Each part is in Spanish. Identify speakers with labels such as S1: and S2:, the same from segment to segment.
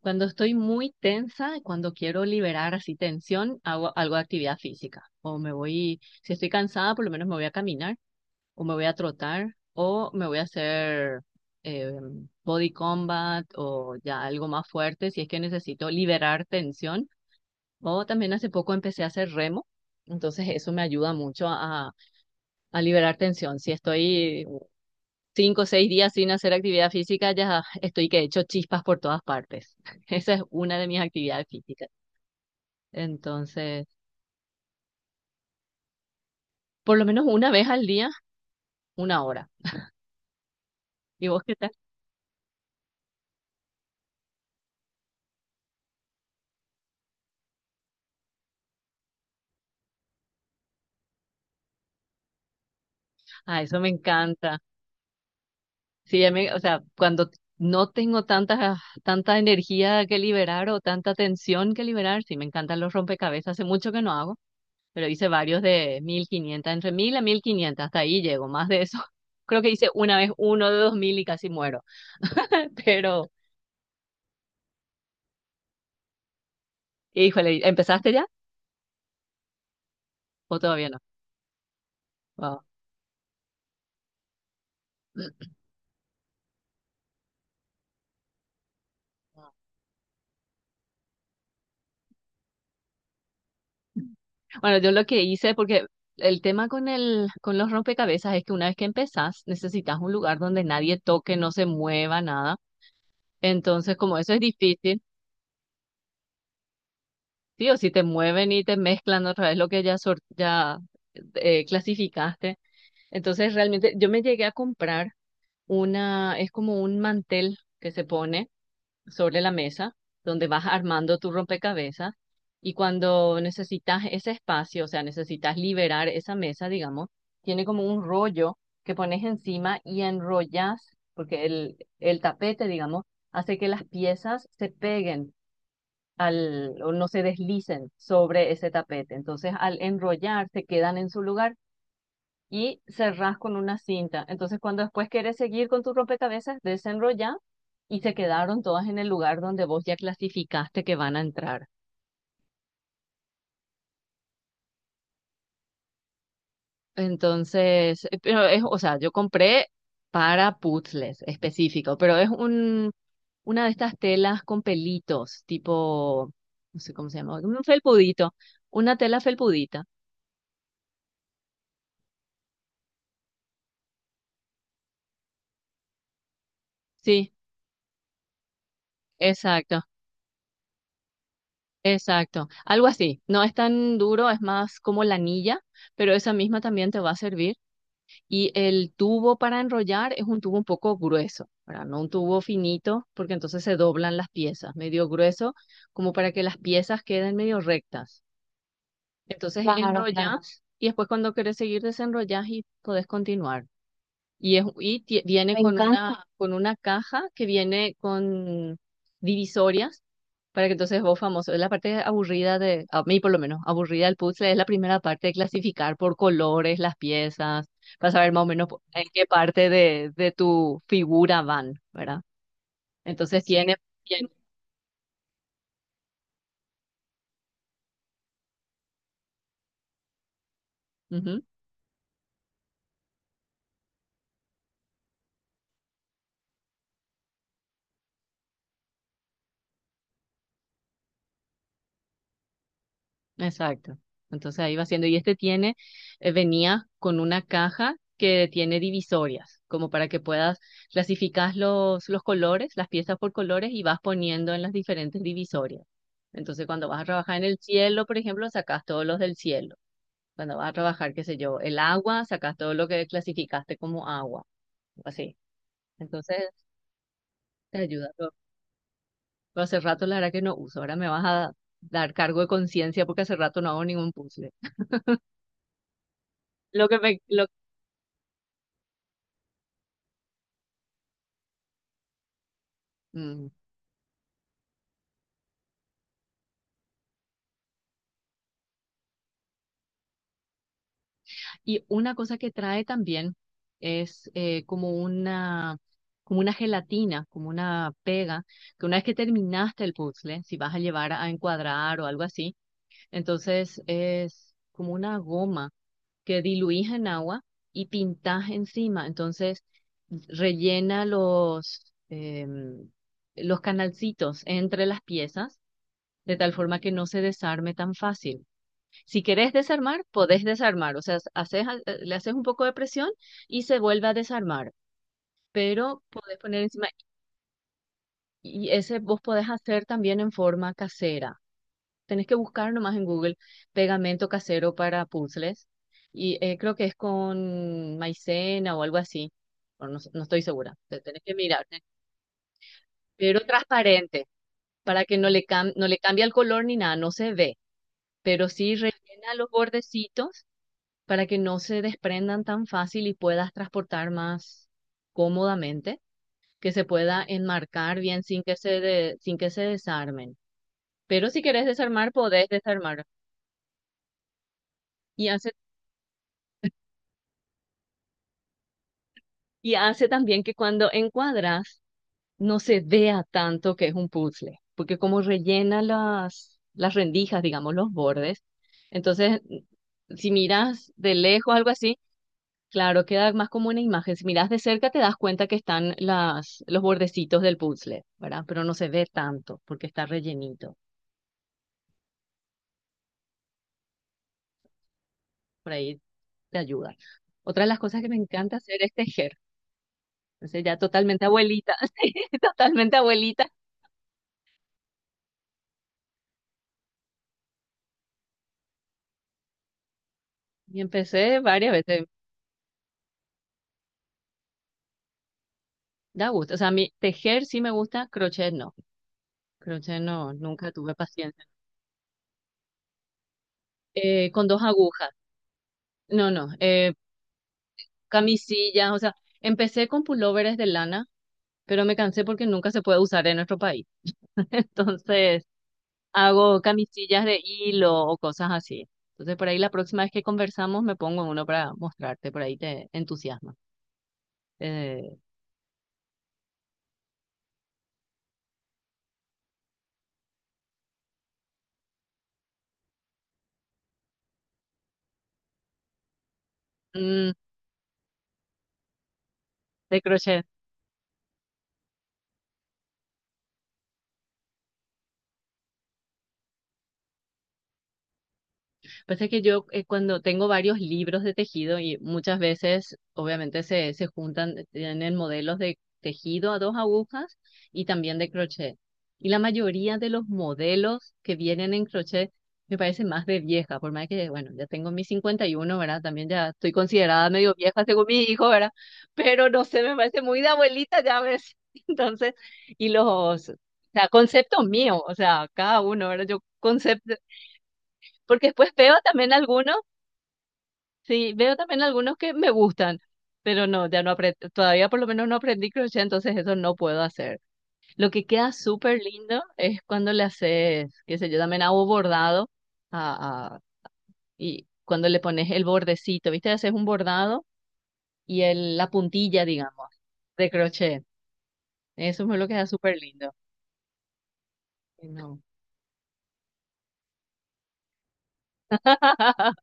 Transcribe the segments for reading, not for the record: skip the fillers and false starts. S1: Cuando estoy muy tensa, cuando quiero liberar así tensión, hago algo de actividad física. O me voy, si estoy cansada, por lo menos me voy a caminar, o me voy a trotar, o me voy a hacer eh, body combat, o ya algo más fuerte, si es que necesito liberar tensión. O también hace poco empecé a hacer remo, entonces eso me ayuda mucho a liberar tensión. Si estoy cinco o seis días sin hacer actividad física, ya estoy que he hecho chispas por todas partes. Esa es una de mis actividades físicas. Entonces, por lo menos una vez al día, una hora. ¿Y vos qué tal? Ah, eso me encanta. Sí, a mí o sea, cuando no tengo tanta energía que liberar o tanta tensión que liberar, sí, me encantan los rompecabezas. Hace mucho que no hago, pero hice varios de 1500, entre 1000 a 1500, hasta ahí llego, más de eso. Creo que hice una vez uno de 2000 y casi muero. Pero, híjole, ¿empezaste ya o todavía no? Wow. Bueno, yo lo que hice, porque el tema con los rompecabezas es que una vez que empezás, necesitas un lugar donde nadie toque, no se mueva nada. Entonces, como eso es difícil, sí o sí te mueven y te mezclan otra vez lo que ya, ya clasificaste. Entonces, realmente yo me llegué a comprar una, es como un mantel que se pone sobre la mesa donde vas armando tu rompecabezas y cuando necesitas ese espacio, o sea, necesitas liberar esa mesa, digamos, tiene como un rollo que pones encima y enrollas, porque el tapete, digamos, hace que las piezas se peguen al, o no se deslicen sobre ese tapete. Entonces, al enrollar, se quedan en su lugar y cerrás con una cinta. Entonces, cuando después querés seguir con tu rompecabezas, desenrollás y se quedaron todas en el lugar donde vos ya clasificaste que van a entrar. Entonces, pero es, o sea, yo compré para puzzles específico, pero es un, una de estas telas con pelitos, tipo, no sé cómo se llama, un felpudito, una tela felpudita. Sí, exacto, exacto. Algo así. No es tan duro, es más como la anilla, pero esa misma también te va a servir. Y el tubo para enrollar es un tubo un poco grueso, ¿verdad? No un tubo finito, porque entonces se doblan las piezas, medio grueso, como para que las piezas queden medio rectas. Entonces claro, claro, enrollas y después cuando querés seguir desenrollas y podés continuar. Y, es, y viene me con encanta una, con una caja que viene con divisorias para que entonces vos famoso. La parte aburrida de, a mí por lo menos, aburrida del puzzle es la primera parte de clasificar por colores las piezas, para saber más o menos en qué parte de tu figura van, ¿verdad? Entonces tiene, tiene, ujú. Exacto. Entonces ahí va haciendo. Y este tiene, venía con una caja que tiene divisorias, como para que puedas clasificar los colores, las piezas por colores y vas poniendo en las diferentes divisorias. Entonces cuando vas a trabajar en el cielo, por ejemplo, sacas todos los del cielo. Cuando vas a trabajar, qué sé yo, el agua, sacas todo lo que clasificaste como agua, así. Entonces te ayuda. Pero hace rato la verdad que no uso. Ahora me vas a dar cargo de conciencia porque hace rato no hago ningún puzzle. Lo que me, lo, mm, y una cosa que trae también es como una gelatina, como una pega, que una vez que terminaste el puzzle, si vas a llevar a encuadrar o algo así, entonces es como una goma que diluís en agua y pintás encima. Entonces rellena los, los canalcitos entre las piezas de tal forma que no se desarme tan fácil. Si querés desarmar, podés desarmar. O sea, haces, le haces un poco de presión y se vuelve a desarmar. Pero podés poner encima, y ese vos podés hacer también en forma casera. Tenés que buscar nomás en Google pegamento casero para puzzles. Y creo que es con maicena o algo así, o no, sé, no estoy segura. Tenés que mirar, ¿eh? Pero transparente, para que no le, no le cambie el color ni nada, no se ve. Pero sí rellena los bordecitos para que no se desprendan tan fácil y puedas transportar más cómodamente, que se pueda enmarcar bien sin que sin que se desarmen. Pero si querés desarmar, podés desarmar. Y hace, y hace también que cuando encuadras no se vea tanto que es un puzzle, porque como rellena las rendijas, digamos, los bordes, entonces si miras de lejos algo así, claro, queda más como una imagen. Si miras de cerca te das cuenta que están las, los bordecitos del puzzle, ¿verdad? Pero no se ve tanto porque está rellenito. Por ahí te ayuda. Otra de las cosas que me encanta hacer es tejer. Entonces ya totalmente abuelita, sí, totalmente abuelita. Y empecé varias veces. Da gusto. O sea, a mí tejer sí me gusta, crochet no. Crochet no, nunca tuve paciencia. Con dos agujas. No, no. Camisillas, o sea, empecé con pulóveres de lana, pero me cansé porque nunca se puede usar en nuestro país. Entonces, hago camisillas de hilo o cosas así. Entonces, por ahí la próxima vez que conversamos me pongo uno para mostrarte, por ahí te entusiasma. Eh, mm, de crochet. Pasa que yo cuando tengo varios libros de tejido y muchas veces obviamente se juntan, tienen modelos de tejido a dos agujas y también de crochet. Y la mayoría de los modelos que vienen en crochet me parece más de vieja, por más que, bueno, ya tengo mis 51, ¿verdad? También ya estoy considerada medio vieja según mi hijo, ¿verdad? Pero no sé, me parece muy de abuelita, ya ves. Entonces, y los, o sea, conceptos míos, o sea, cada uno, ¿verdad? Yo concepto porque después veo también algunos. Sí, veo también algunos que me gustan, pero no, ya no aprendí, todavía por lo menos no aprendí crochet, entonces eso no puedo hacer. Lo que queda súper lindo es cuando le haces, qué sé yo, también hago bordado a, a- y cuando le pones el bordecito, ¿viste? Haces un bordado y el, la puntilla, digamos, de crochet. Eso me lo queda súper lindo. No.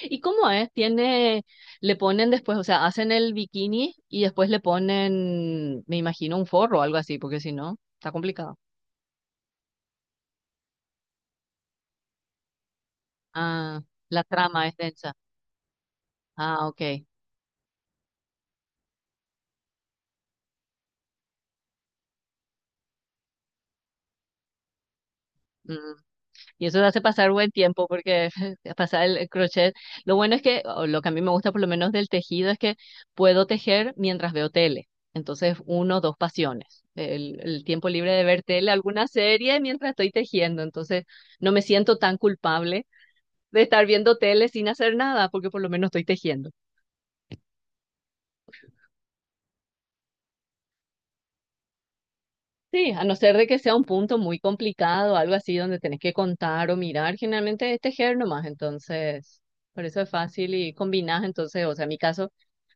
S1: ¿Y cómo es? Tiene, le ponen después, o sea, hacen el bikini y después le ponen, me imagino, un forro o algo así, porque si no, está complicado. Ah, la trama es densa. Ah, ok. Mm. Y eso te hace pasar buen tiempo porque pasar el crochet. Lo bueno es que, o lo que a mí me gusta por lo menos del tejido es que puedo tejer mientras veo tele. Entonces, uno, dos pasiones. El tiempo libre de ver tele, alguna serie mientras estoy tejiendo. Entonces, no me siento tan culpable de estar viendo tele sin hacer nada porque por lo menos estoy tejiendo. Sí, a no ser de que sea un punto muy complicado, algo así donde tenés que contar o mirar, generalmente es tejer nomás, entonces, por eso es fácil y combinás, entonces, o sea, en mi caso,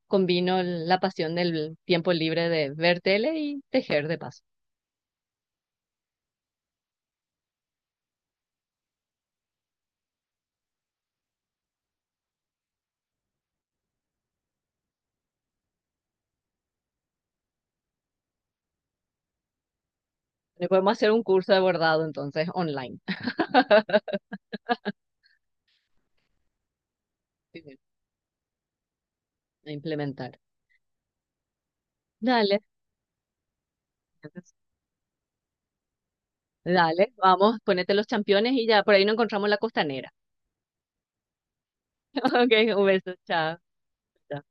S1: combino la pasión del tiempo libre de ver tele y tejer de paso. Le podemos hacer un curso de bordado, entonces, online, así mismo, a implementar. Dale, entonces, dale, vamos, ponete los championes y ya, por ahí nos encontramos la costanera. Ok, un beso, chao. Chao.